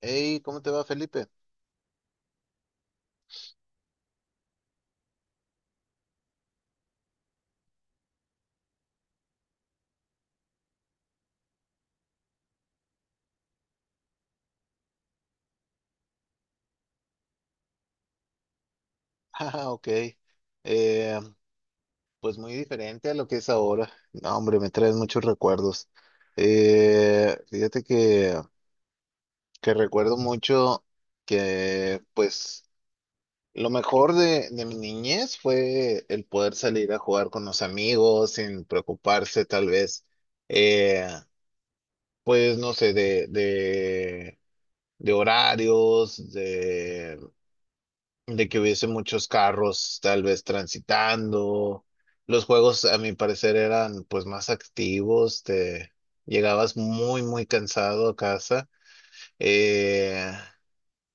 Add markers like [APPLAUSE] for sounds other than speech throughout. Hey, ¿cómo te va, Felipe? [LAUGHS] Ah, ok. Eh, pues muy diferente a lo que es ahora. No, hombre, me traes muchos recuerdos. Fíjate que recuerdo mucho que, pues, lo mejor de mi niñez fue el poder salir a jugar con los amigos sin preocuparse, tal vez, eh, pues, no sé, de horarios, de que hubiese muchos carros tal vez transitando. Los juegos, a mi parecer, eran pues más activos, te llegabas muy, muy cansado a casa. Eh,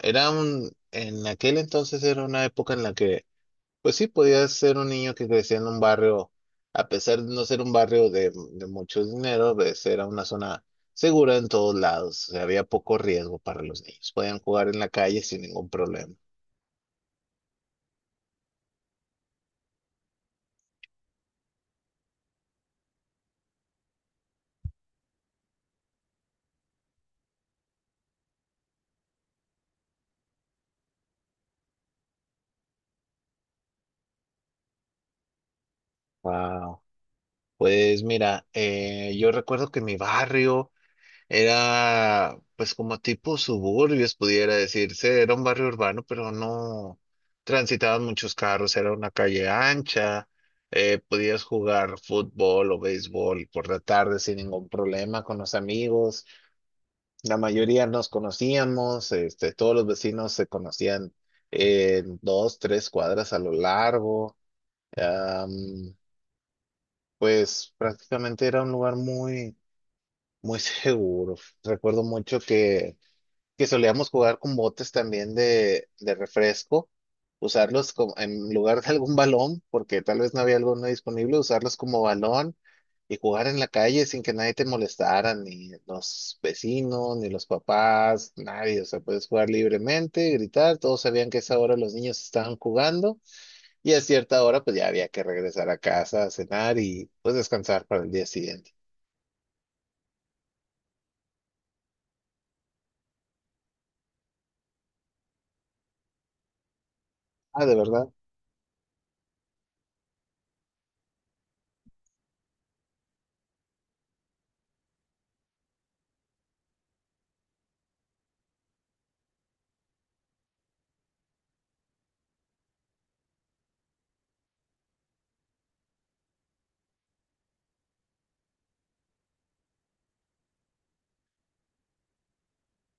Era en aquel entonces era una época en la que, pues sí, podías ser un niño que crecía en un barrio, a pesar de no ser un barrio de mucho dinero, pues era una zona segura en todos lados, o sea, había poco riesgo para los niños, podían jugar en la calle sin ningún problema. Wow. Pues mira, yo recuerdo que mi barrio era pues como tipo suburbios, pudiera decirse, era un barrio urbano, pero no transitaban muchos carros, era una calle ancha, podías jugar fútbol o béisbol por la tarde sin ningún problema con los amigos, la mayoría nos conocíamos, este, todos los vecinos se conocían en dos, tres cuadras a lo largo. am, pues prácticamente era un lugar muy, muy seguro. Recuerdo mucho que solíamos jugar con botes también de refresco, usarlos como, en lugar de algún balón, porque tal vez no había alguno disponible, usarlos como balón y jugar en la calle sin que nadie te molestara, ni los vecinos, ni los papás, nadie. O sea, puedes jugar libremente, gritar. Todos sabían que a esa hora los niños estaban jugando y a cierta hora pues ya había que regresar a casa a cenar y pues descansar para el día siguiente. Ah, de verdad.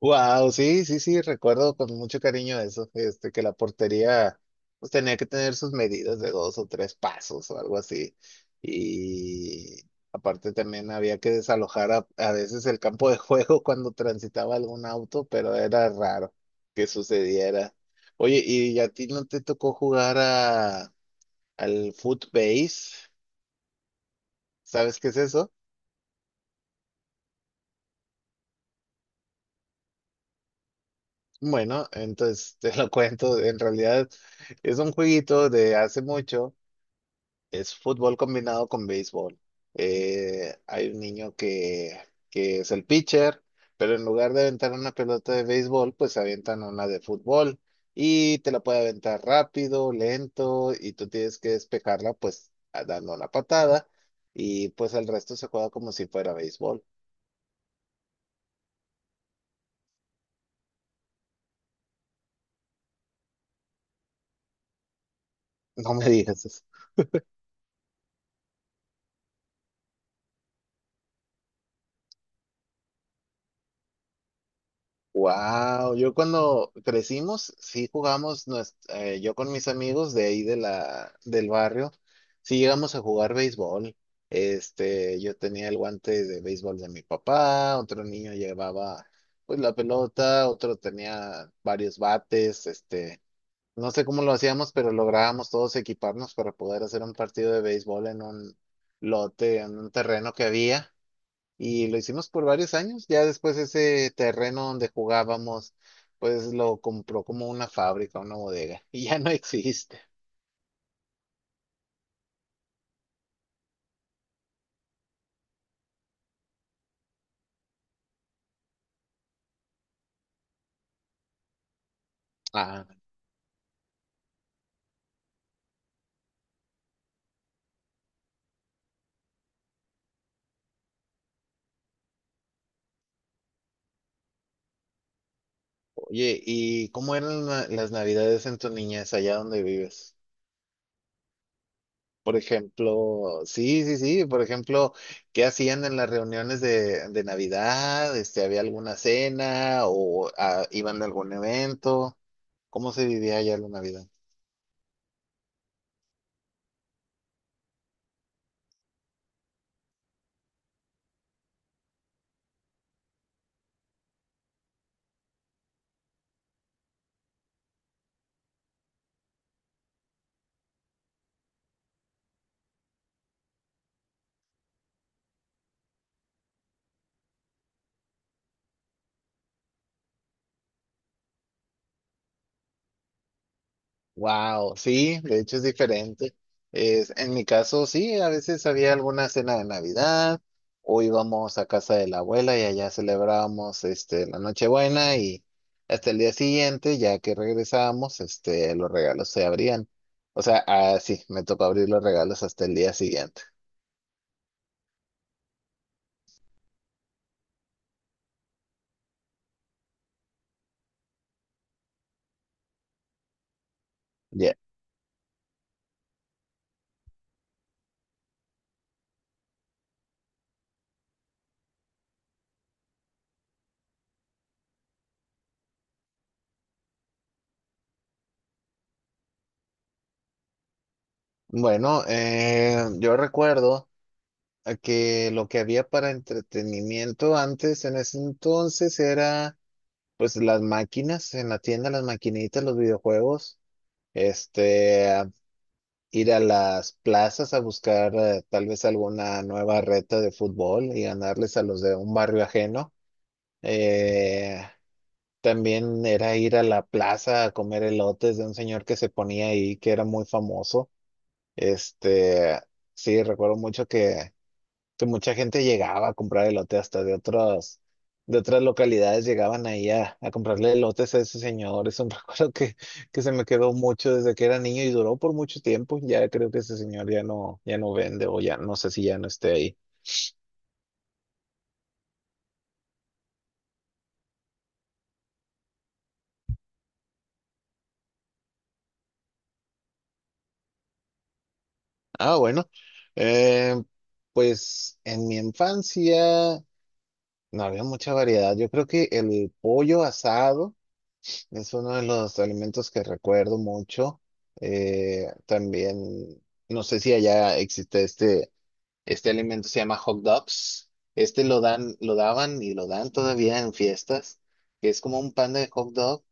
Wow, sí, sí, sí, recuerdo con mucho cariño eso, este, que la portería pues tenía que tener sus medidas de dos o tres pasos o algo así. Y aparte también había que desalojar a veces el campo de juego [LAUGHS] cuando transitaba algún auto, pero era raro que sucediera. Oye, ¿y a ti no te tocó jugar al footbase? ¿Sabes qué es eso? Bueno, entonces [LAUGHS] te lo cuento, en realidad es un jueguito de hace mucho. Es fútbol combinado con béisbol. Hay un niño que es el pitcher, pero en lugar de aventar una pelota de béisbol, pues avientan una de fútbol y te la puede aventar rápido, lento, y tú tienes que despejarla pues dando una patada y pues el resto se juega como si fuera béisbol. [LAUGHS] No me digas. Wow, yo cuando crecimos, sí jugamos, yo con mis amigos de ahí de del barrio, sí llegamos a jugar béisbol. Este, yo tenía el guante de béisbol de mi papá, otro niño llevaba pues la pelota, otro tenía varios bates, este, no sé cómo lo hacíamos, pero lográbamos todos equiparnos para poder hacer un partido de béisbol en un lote, en un terreno que había y lo hicimos por varios años. Ya después ese terreno donde jugábamos, pues lo compró como una fábrica, una bodega, [LAUGHS] y ya no existe. Ah, oye, ¿y cómo eran las navidades en tu niñez allá donde vives? Por ejemplo, sí, sí, sí, por ejemplo, ¿qué hacían en las reuniones de Navidad? Este, ¿había alguna cena o ah, iban a algún evento? ¿Cómo se vivía allá la Navidad? Wow, sí, de hecho es diferente. Es, en mi caso, sí, a veces había alguna cena de Navidad o íbamos a casa de la abuela y allá celebrábamos este, la Nochebuena y hasta el día siguiente, ya que regresábamos, este, los regalos se abrían. O sea, ah, sí, me tocó abrir los regalos hasta el día siguiente. Ya. Bueno, yo recuerdo que lo que había para entretenimiento antes en ese entonces era... Pues las máquinas en la tienda, las maquinitas, los videojuegos, este, ir a las plazas a buscar tal vez alguna nueva reta de fútbol y ganarles a los de un barrio ajeno. Eh, También era ir a la plaza a comer elotes de un señor que se ponía ahí, que era muy famoso. Este, sí, recuerdo mucho que mucha gente llegaba a comprar elote hasta de otras localidades llegaban ahí a comprarle elotes a ese señor. Es un [LAUGHS] recuerdo que se me quedó mucho desde que era niño y duró por mucho tiempo. Ya creo que ese señor ya no, ya no vende o ya no sé si ya no esté ahí. Ah, bueno. Eh, pues en mi infancia no había mucha variedad. Yo creo que el pollo asado. Es uno de los alimentos que recuerdo mucho. También, no sé si allá existe este, este alimento, se llama hot dogs. Este lo dan, lo daban y lo dan todavía en fiestas, que es como un pan de hot dog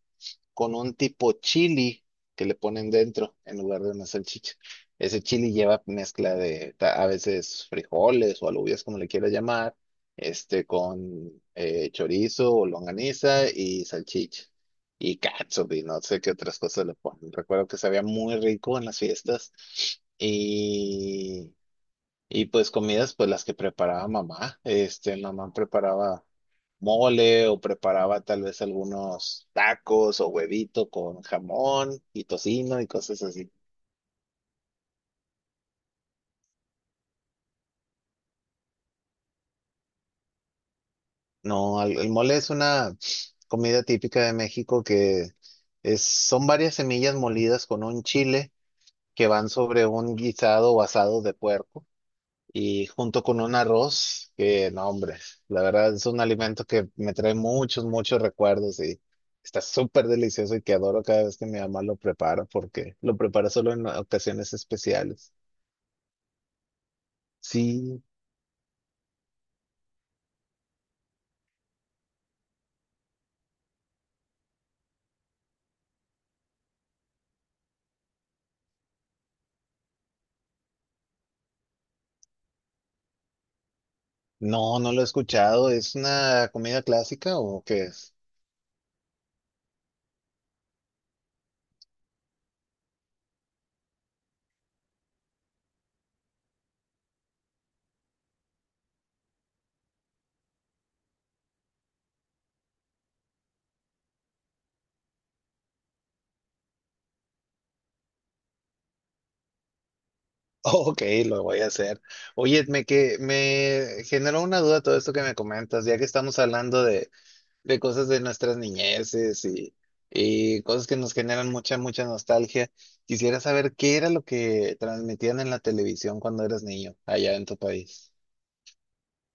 con un tipo chili que le ponen dentro en lugar de una salchicha. Ese chili lleva mezcla de a veces frijoles o alubias, como le quiera llamar, este con chorizo o longaniza y salchicha. Y catsup y no sé qué otras cosas le ponen. Recuerdo que sabía muy rico en las fiestas. Y y pues comidas, pues las que preparaba mamá. Este, mamá preparaba mole o preparaba tal vez algunos tacos o huevito con jamón y tocino y cosas así. No, mole es una comida típica de México que es, son varias semillas molidas con un chile que van sobre un guisado o asado de puerco. Y junto con un arroz, que no, hombre, la verdad es un alimento que me trae muchos, muchos recuerdos y está súper delicioso y que adoro cada vez que mi mamá lo prepara porque lo prepara solo en ocasiones especiales. Sí, no, no lo he escuchado. ¿Es una comida clásica o qué es? [LAUGHS] Ok, lo voy a hacer. Oye, me, que, me generó una duda todo esto que me comentas, ya que estamos hablando de cosas de nuestras niñeces y cosas que nos generan mucha, mucha nostalgia. Quisiera saber qué era lo que transmitían en la televisión cuando eras niño allá en tu país.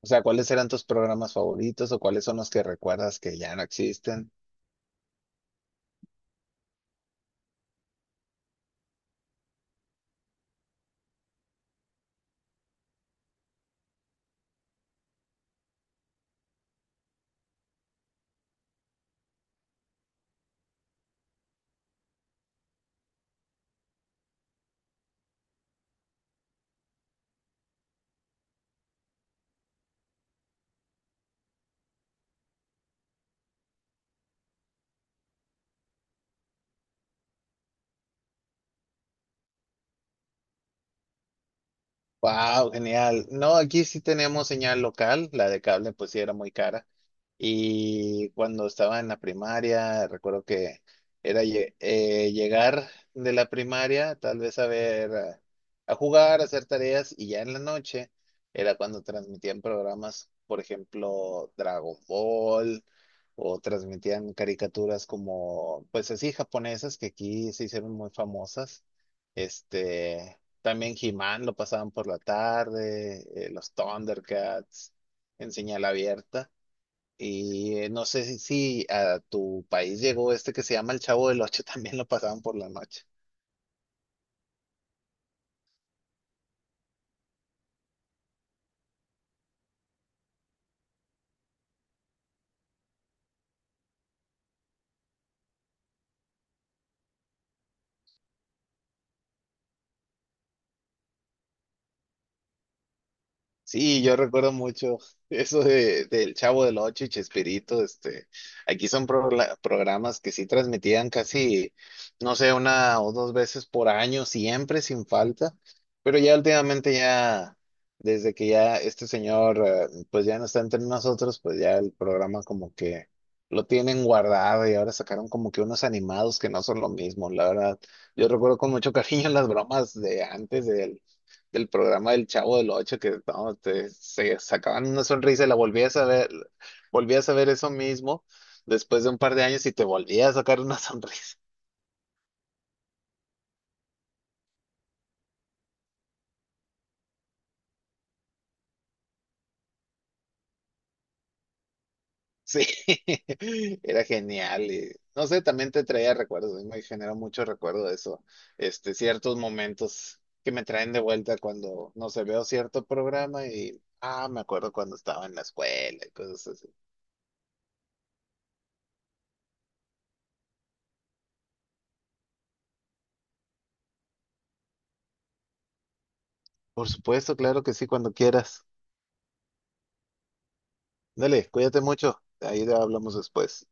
O sea, ¿cuáles eran tus programas favoritos o cuáles son los que recuerdas que ya no existen? Wow, genial. No, aquí sí teníamos señal local, la de cable pues sí era muy cara. Y cuando estaba en la primaria, recuerdo que era llegar de la primaria, tal vez a ver, a jugar, a hacer tareas, y ya en la noche era cuando transmitían programas, por ejemplo, Dragon Ball, o transmitían caricaturas como, pues así, japonesas, que aquí se hicieron muy famosas. Este, también He-Man lo pasaban por la tarde, los Thundercats en señal abierta. Y no sé si a tu país llegó este que se llama El Chavo del Ocho, [LAUGHS] también lo pasaban por la noche. Sí, yo recuerdo mucho [LAUGHS] eso de, del Chavo del Ocho y Chespirito, este, aquí son programas que sí transmitían casi, no sé, una o dos veces por año, siempre sin falta, pero ya últimamente ya, desde que ya este señor, pues ya no está entre nosotros, pues ya el programa como que lo tienen guardado y ahora sacaron como que unos animados que no son lo mismo, la verdad, yo recuerdo con mucho cariño [LAUGHS] las bromas de antes de él del programa del Chavo del Ocho, que no, se sacaban una sonrisa y la volvías a ver eso mismo después de un par de años y te volvías a sacar una [LAUGHS] sonrisa. Sí, [LAUGHS] era genial. Y, no sé, también te traía recuerdos, a mí me generó mucho recuerdo de eso, este, ciertos momentos que me traen de vuelta cuando, no sé, veo cierto programa y, ah, me acuerdo cuando estaba en la escuela y cosas así. Por supuesto, claro que sí, cuando quieras. Dale, cuídate mucho. Ahí hablamos después.